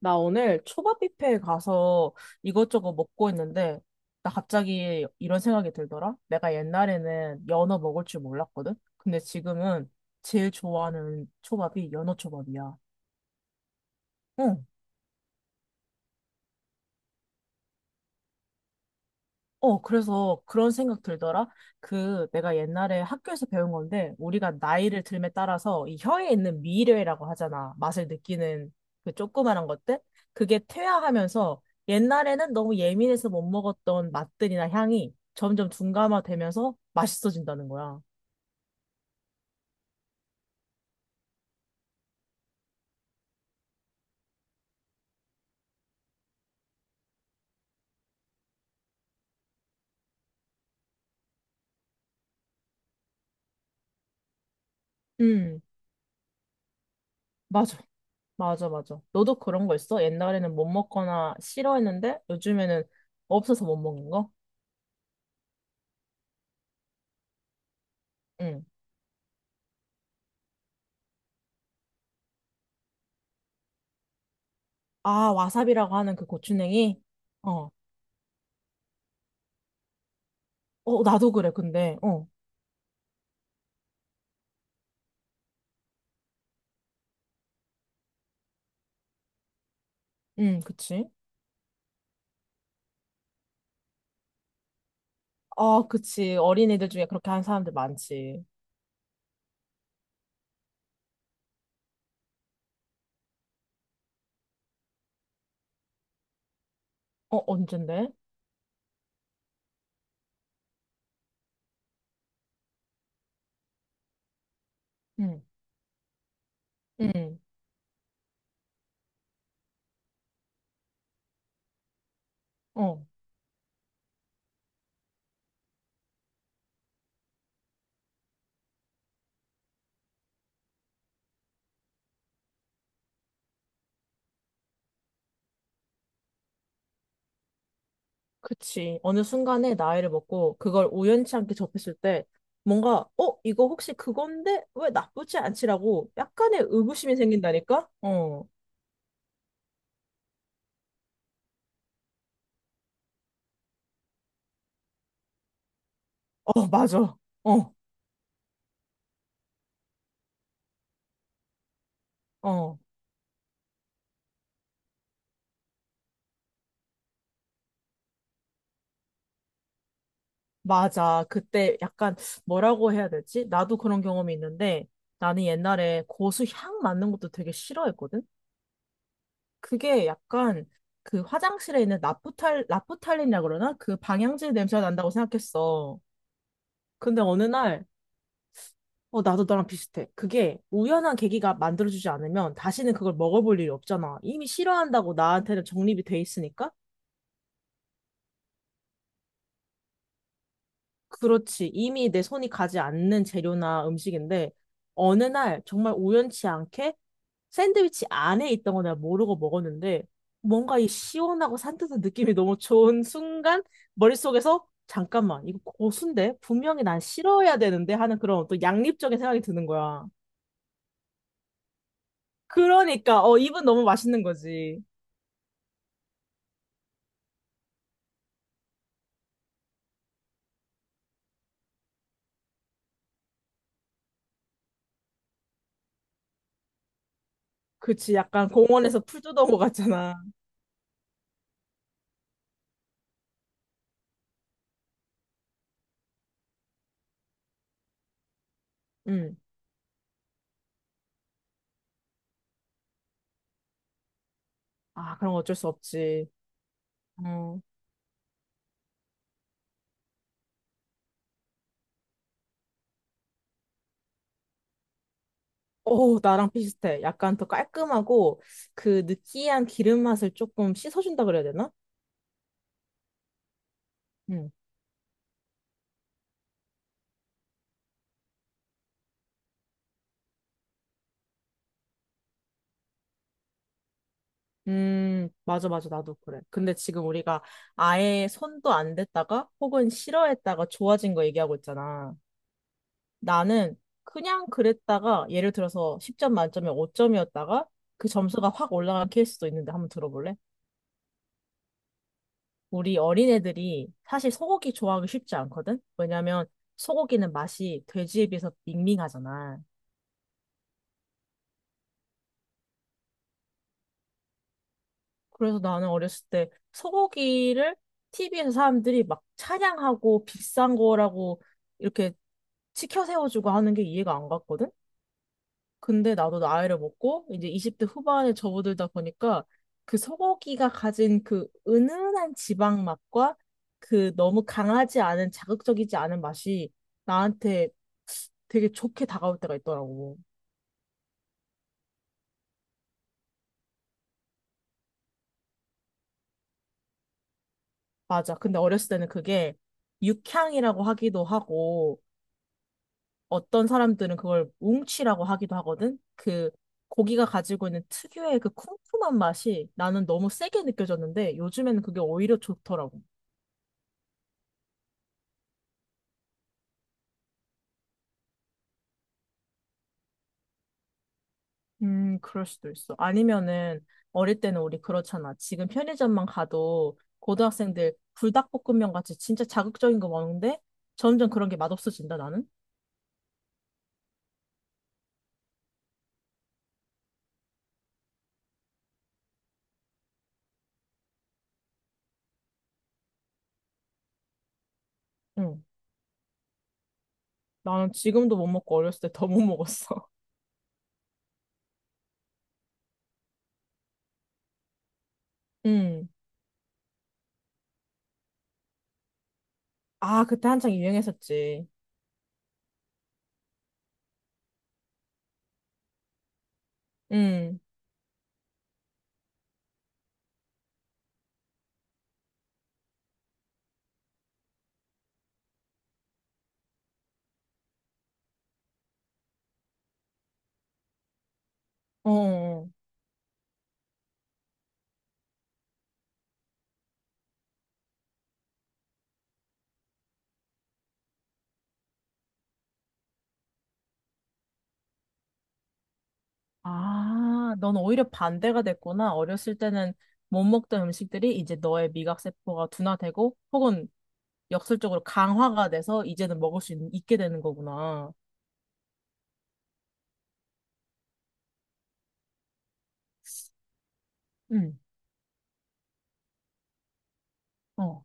나 오늘 초밥 뷔페에 가서 이것저것 먹고 있는데, 나 갑자기 이런 생각이 들더라? 내가 옛날에는 연어 먹을 줄 몰랐거든? 근데 지금은 제일 좋아하는 초밥이 연어 초밥이야. 응. 어, 그래서 그런 생각 들더라. 내가 옛날에 학교에서 배운 건데 우리가 나이를 들에 따라서 이 혀에 있는 미뢰라고 하잖아. 맛을 느끼는 조그만한 것들. 그게 퇴화하면서 옛날에는 너무 예민해서 못 먹었던 맛들이나 향이 점점 둔감화되면서 맛있어진다는 거야. 음, 맞아. 맞아, 맞아. 너도 그런 거 있어? 옛날에는 못 먹거나 싫어했는데 요즘에는 없어서 못 먹는 거? 응. 아, 와사비라고 하는 그 고추냉이? 어. 어, 나도 그래, 근데. 어. 응, 그치. 아, 그치. 어린이들 중에 그렇게 하는 사람들 많지. 어, 언젠데? 응, 응, 어. 그치. 어느 순간에 나이를 먹고 그걸 우연치 않게 접했을 때 뭔가, 어, 이거 혹시 그건데? 왜 나쁘지 않지라고 약간의 의구심이 생긴다니까? 어, 어, 맞아. 어, 어, 맞아. 그때 약간 뭐라고 해야 되지? 나도 그런 경험이 있는데 나는 옛날에 고수 향 맡는 것도 되게 싫어했거든? 그게 약간 화장실에 있는 나프탈린이라 그러나? 그 방향제 냄새가 난다고 생각했어. 근데 어느 날, 어, 나도 너랑 비슷해. 그게 우연한 계기가 만들어주지 않으면 다시는 그걸 먹어볼 일이 없잖아. 이미 싫어한다고 나한테는 정립이 돼 있으니까. 그렇지. 이미 내 손이 가지 않는 재료나 음식인데, 어느 날 정말 우연치 않게 샌드위치 안에 있던 거 내가 모르고 먹었는데, 뭔가 이 시원하고 산뜻한 느낌이 너무 좋은 순간, 머릿속에서, 잠깐만, 이거 고수인데? 분명히 난 싫어야 되는데? 하는 그런 또 양립적인 생각이 드는 거야. 그러니까, 어, 입은 너무 맛있는 거지. 그치, 약간 공원에서 풀 뜯어 먹었잖아. 응. 아, 그런 거 어쩔 수 없지. 음. 오, 나랑 비슷해. 약간 더 깔끔하고 그 느끼한 기름 맛을 조금 씻어준다 그래야 되나? 응. 맞아, 맞아. 나도 그래. 근데 지금 우리가 아예 손도 안 댔다가 혹은 싫어했다가 좋아진 거 얘기하고 있잖아. 나는 그냥 그랬다가 예를 들어서 10점 만점에 5점이었다가 그 점수가 확 올라간 케이스도 있는데 한번 들어볼래? 우리 어린애들이 사실 소고기 좋아하기 쉽지 않거든? 왜냐면 소고기는 맛이 돼지에 비해서 밍밍하잖아. 그래서 나는 어렸을 때 소고기를 TV에서 사람들이 막 찬양하고 비싼 거라고 이렇게 치켜 세워주고 하는 게 이해가 안 갔거든? 근데 나도 나이를 먹고 이제 20대 후반에 접어들다 보니까 그 소고기가 가진 그 은은한 지방 맛과 그 너무 강하지 않은 자극적이지 않은 맛이 나한테 되게 좋게 다가올 때가 있더라고. 맞아. 근데 어렸을 때는 그게 육향이라고 하기도 하고 어떤 사람들은 그걸 웅치라고 하기도 하거든. 그 고기가 가지고 있는 특유의 그 쿰쿰한 맛이 나는 너무 세게 느껴졌는데 요즘에는 그게 오히려 좋더라고. 그럴 수도 있어. 아니면은 어릴 때는 우리 그렇잖아. 지금 편의점만 가도 고등학생들 불닭볶음면 같이 진짜 자극적인 거 먹는데 점점 그런 게 맛없어진다, 나는. 응. 나는 지금도 못 먹고 어렸을 때 더 못 먹었어. 응. 아, 그때 한창 유행했었지. 응. 어. 어, 어. 아, 넌 오히려 반대가 됐구나. 어렸을 때는 못 먹던 음식들이 이제 너의 미각세포가 둔화되고 혹은 역설적으로 강화가 돼서 이제는 있게 되는 거구나. 응, 어.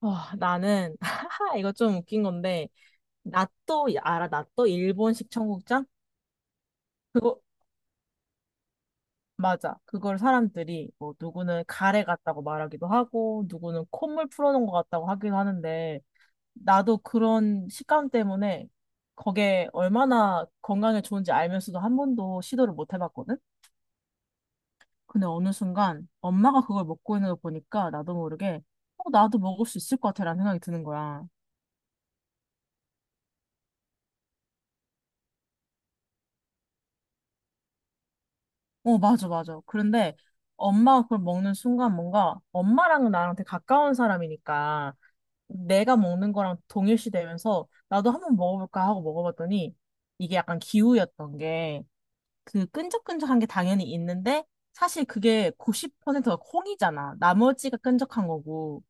와, 나는, 하하, 이거 좀 웃긴 건데, 나또, 알아? 나또 일본식 청국장? 그거, 맞아. 그걸 사람들이, 뭐, 누구는 가래 같다고 말하기도 하고, 누구는 콧물 풀어놓은 것 같다고 하기도 하는데, 나도 그런 식감 때문에 그게 얼마나 건강에 좋은지 알면서도 한 번도 시도를 못 해봤거든? 근데 어느 순간 엄마가 그걸 먹고 있는 걸 보니까 나도 모르게 어, 나도 먹을 수 있을 것 같아라는 생각이 드는 거야. 어, 맞아, 맞아. 그런데 엄마가 그걸 먹는 순간 뭔가 엄마랑은 나랑 되게 가까운 사람이니까 내가 먹는 거랑 동일시되면서 나도 한번 먹어볼까 하고 먹어봤더니 이게 약간 기우였던 게 그 끈적끈적한 게 당연히 있는데 사실 그게 90%가 콩이잖아. 나머지가 끈적한 거고.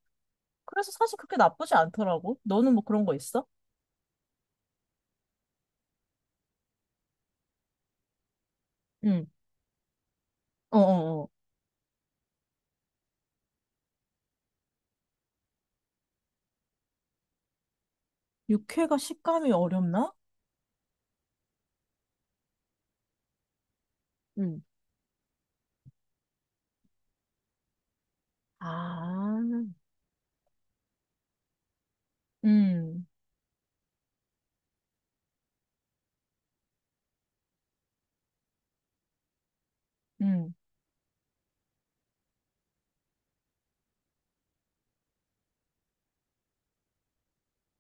그래서 사실 그렇게 나쁘지 않더라고. 너는 뭐 그런 거 있어? 응, 어어어. 육회가 식감이 어렵나? 응. 아, 음, 음.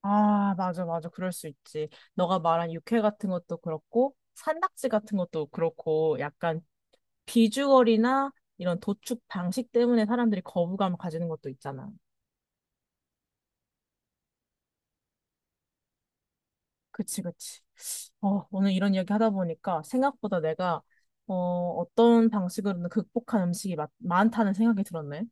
아, 맞아, 맞아. 그럴 수 있지. 너가 말한 육회 같은 것도 그렇고, 산낙지 같은 것도 그렇고, 약간 비주얼이나 이런 도축 방식 때문에 사람들이 거부감을 가지는 것도 있잖아. 그치, 그치. 어, 오늘 이런 이야기 하다 보니까 생각보다 내가 어, 어떤 방식으로든 극복한 음식이 많다는 생각이 들었네.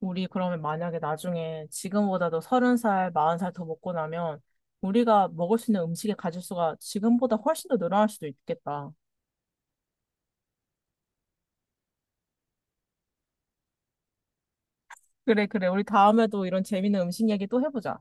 우리 그러면 만약에 나중에 지금보다도 서른 살, 마흔 살 더 먹고 나면 우리가 먹을 수 있는 음식의 가짓수가 지금보다 훨씬 더 늘어날 수도 있겠다. 그래, 그래. 우리 다음에도 이런 재밌는 음식 이야기 또 해보자.